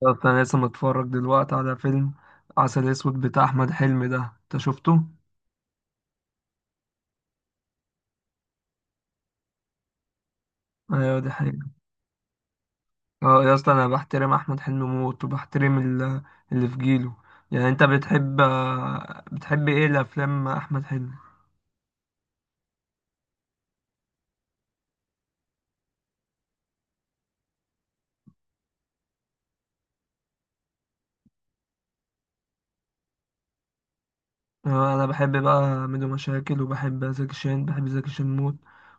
بالظبط، انا لسه متفرج دلوقتي على فيلم عسل اسود بتاع احمد حلمي ده. انت شفته؟ ايوه دي حقيقة. اه يا اسطى، انا بحترم احمد حلمي موت وبحترم اللي في جيله. يعني انت بتحب ايه الافلام احمد حلمي؟ اه انا بحب بقى ميدو مشاكل، وبحب زكي شان، بحب زكي شان موت،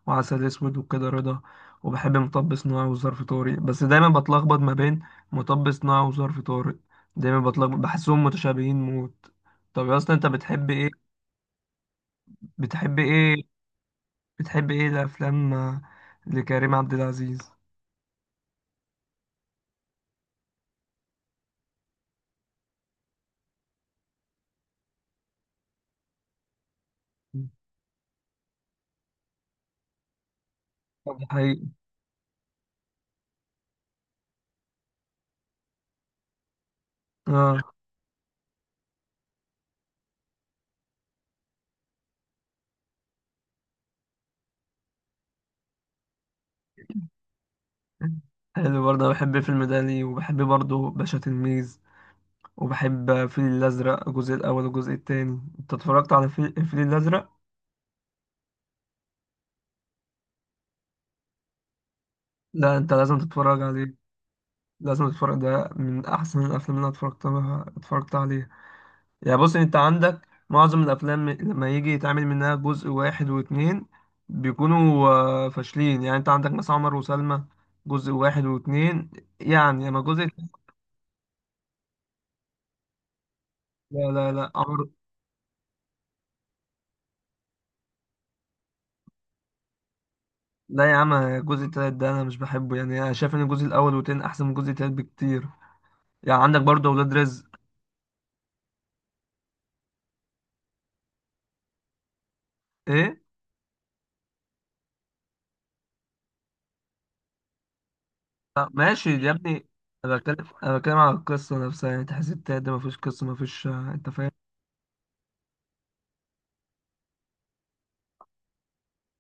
وعسل اسود وكده رضا. وبحب مطب صناعي وظرف طارق، بس دايما بتلخبط ما بين مطب صناعي وظرف طارق، دايما بتلخبط، بحسهم متشابهين موت. طب يا اسطى، انت بتحب ايه بتحب ايه الافلام لكريم عبد العزيز؟ طب ده حقيقي. اه حلو برضه، أنا بحب فيلم دالي، وبحب برضه باشا تلميذ، وبحب الفيل الأزرق، الجزء الأول والجزء التاني. أنت اتفرجت على الفيل الفيل الأزرق؟ لا أنت لازم تتفرج عليه، لازم تتفرج، ده من أحسن الأفلام اللي أنا اتفرجت عليها. يعني بص، انت عندك معظم الافلام لما يجي يتعمل منها جزء واحد واتنين بيكونوا فاشلين. يعني انت عندك مثلا عمر وسلمى جزء واحد واتنين، يعني اما لا لا لا عمر، لا يا عم، الجزء التالت ده انا مش بحبه. يعني انا شايف ان الجزء الاول والتاني احسن من الجزء التالت بكتير. يعني عندك برضه اولاد رزق. ايه؟ طب ماشي يا ابني. انا بتكلم، انا بتكلم على القصه نفسها، يعني تحس التالت ده مفيش قصه، مفيش، آه، انت فاهم.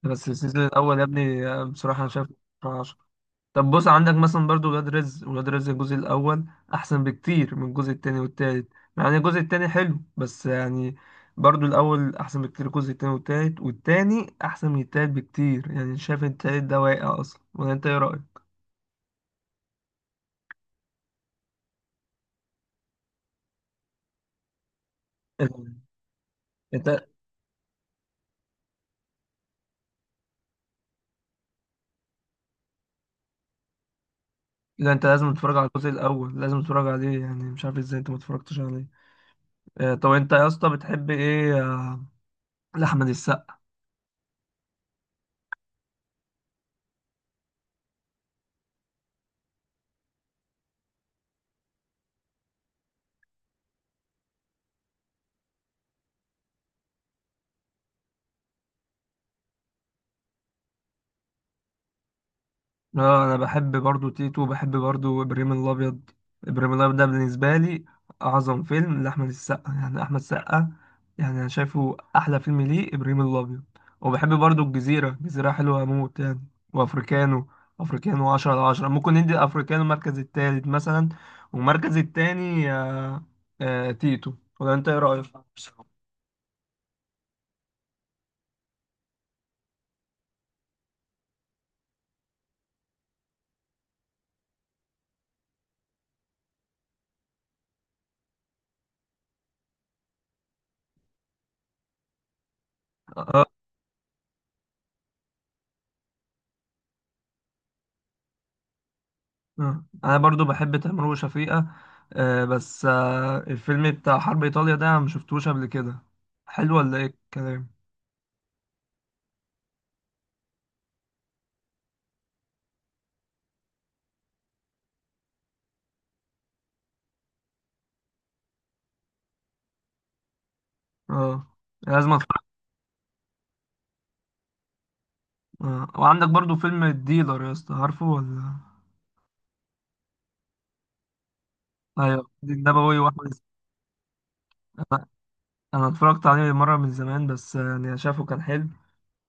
بس السيزون الاول يا ابني، آه، بصراحه انا شايف. طب بص، عندك مثلا برضو ولاد رزق، ولاد رزق الجزء الأول أحسن بكتير من الجزء التاني والتالت. يعني الجزء التاني حلو، بس يعني برضو الأول أحسن بكتير. الجزء التاني والتالت، والتاني أحسن من التالت بكتير. يعني شايف التالت ده واقع أصلا، ولا أنت إيه رأيك؟ ال- أنت لا، أنت لازم تتفرج على الجزء الأول، لازم تتفرج عليه، يعني مش عارف إزاي أنت ما اتفرجتش عليه. طب أنت يا اسطى، بتحب إيه لأحمد السقا؟ اه انا بحب برضو تيتو، وبحب برضو ابراهيم الابيض. ابراهيم الابيض ده بالنسبه لي اعظم فيلم لاحمد السقا، يعني احمد السقا، يعني انا شايفه احلى فيلم ليه ابراهيم الابيض. وبحب برضو الجزيره، الجزيره حلوه اموت يعني. وافريكانو، افريكانو 10 على 10، ممكن ندي افريكانو المركز التالت مثلا، والمركز التاني تيتو، ولا انت ايه رايك؟ مم. انا برضو بحب تامر وشفيقة. بس الفيلم بتاع حرب ايطاليا ده أنا مشفتوش قبل كده، حلو ولا ايه الكلام؟ اه لازم اتفرج. آه. وعندك برضو فيلم الديلر يا اسطى، عارفه ولا؟ ايوه النبوي واحمد انا أنا اتفرجت عليه مره من زمان، بس يعني شافه كان حلو،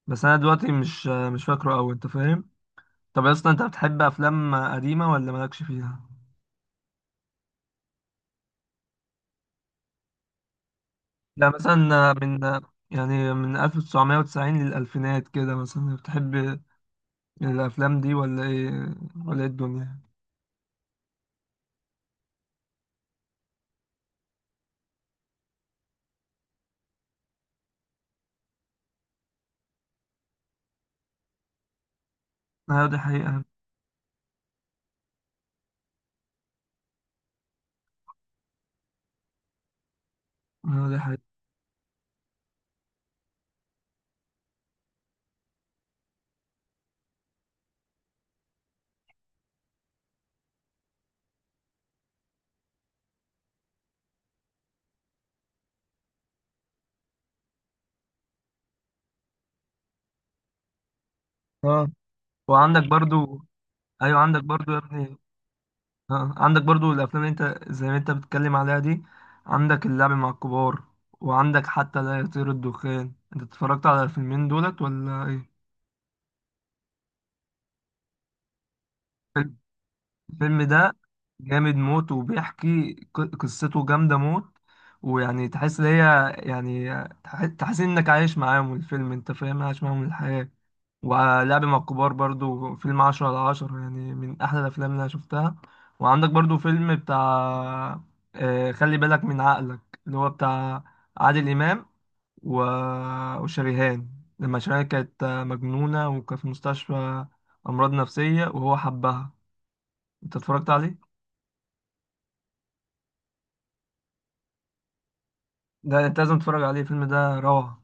بس انا دلوقتي مش مش فاكره قوي، انت فاهم. طب يا اسطى، انت بتحب افلام قديمه ولا مالكش فيها؟ لا مثلا، آه، من آه، يعني من 1990 للألفينات كده، مثلا بتحب الافلام دي ولا ايه؟ ولا ايه الدنيا؟ اه دي حقيقة. اه دي حقيقة. اه وعندك برضو، ايوه عندك برضو يا ابني، اه عندك برضو الافلام اللي انت زي ما انت بتتكلم عليها دي. عندك اللعب مع الكبار، وعندك حتى لا يطير الدخان، انت اتفرجت على الفيلمين دولت ولا ايه؟ الفيلم، الفيلم ده جامد موت، وبيحكي قصته جامدة موت، ويعني تحس ان هي يعني تحس انك عايش معاهم الفيلم، انت فاهم، عايش معاهم الحياة. ولعب مع الكبار برضو فيلم عشرة على عشرة، يعني من أحلى الأفلام اللي أنا شفتها. وعندك برضو فيلم بتاع خلي بالك من عقلك، اللي هو بتاع عادل إمام و... وشريهان، لما شريهان كانت مجنونة، وكانت في مستشفى أمراض نفسية وهو حبها. أنت اتفرجت عليه؟ ده أنت لازم تتفرج عليه، الفيلم ده روعة.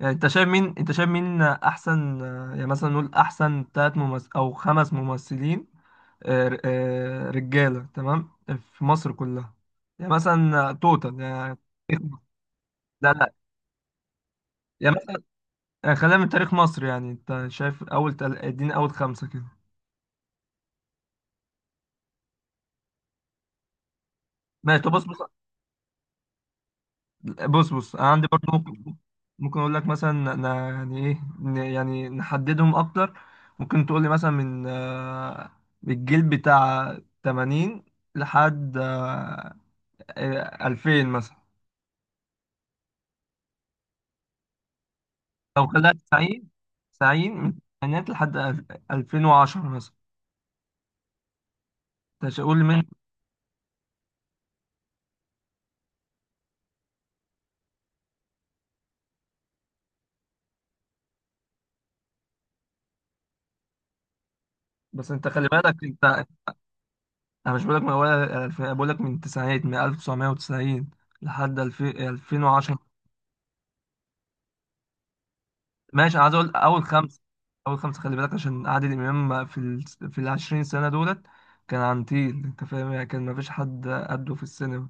يعني أنت شايف مين، أنت شايف مين أحسن، يعني مثلا نقول أحسن تلات ممثل أو خمس ممثلين، رجاله تمام في مصر كلها، يعني مثلا توتال يعني. لا لا، يعني مثلا خلينا من تاريخ مصر، يعني انت شايف اول اديني اول خمسه كده. ماشي. طب بص بص، بص بص، انا عندي برضو، ممكن، ممكن اقول لك مثلا، يعني نحددهم اكتر. ممكن تقول لي مثلا من الجيل بتاع 80 لحد 2000 مثلا، لو بدأت سعيد، سعيد من الثمانينات لحد 2010 مثلا. انت مش هقول من، بس انت خلي بالك، انا مش بقولك بقول لك من التسعينات، من 1990 لحد 2000، 2010. ماشي. انا عايز اقول اول خمسه، اول خمسه. خلي بالك، عشان عادل امام في ال 20 سنه دولت كان عنتيل، انت فاهم؟ يعني كان مفيش حد قده في السينما.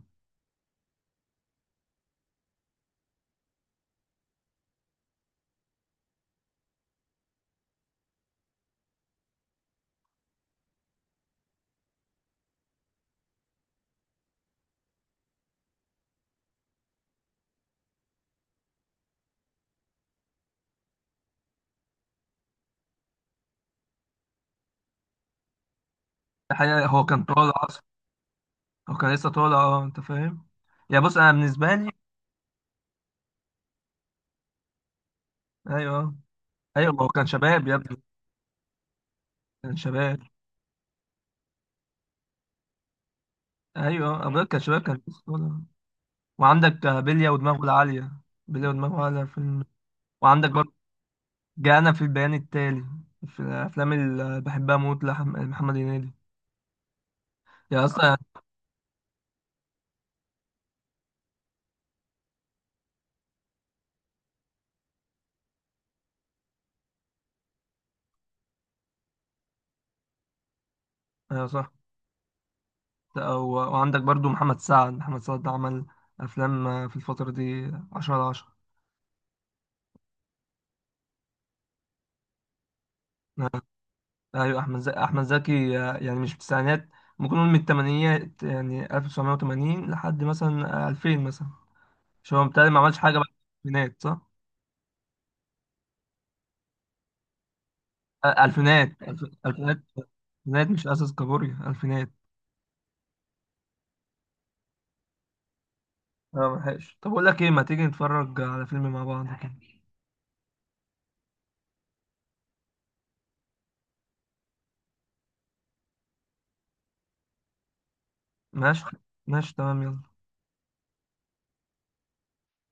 الحقيقه هو كان طالع اصلا، هو كان لسه طالع، اه انت فاهم. يا بص انا بالنسبه لي. ايوه ايوه. ما هو كان شباب يا ابني، كان شباب. ايوه ابويا كان شويه، كان في اسطوره. وعندك بلية ودماغه العاليه، بلية ودماغه العاليه فيلم. وعندك برضه جانا في البيان التالي، في الافلام اللي بحبها موت، لمحمد هنيدي يا اصلا. ايوه صح. أو- وعندك برضه محمد سعد، محمد سعد عمل افلام في الفتره دي 10 على 10. ايوه احمد زكي، احمد زكي يعني مش في التسعينات، ممكن نقول من الثمانينات، يعني 1980 لحد مثلا 2000 مثلا، مش هو بالتالي ما عملش حاجه بعد الثمانينات صح؟ الفينات، الفينات، الفينات مش اساس كابوريا الفينات. اه ملحقش. طب اقول لك ايه، ما تيجي نتفرج على فيلم مع بعض كده. ماشي ماشي تمام يلا.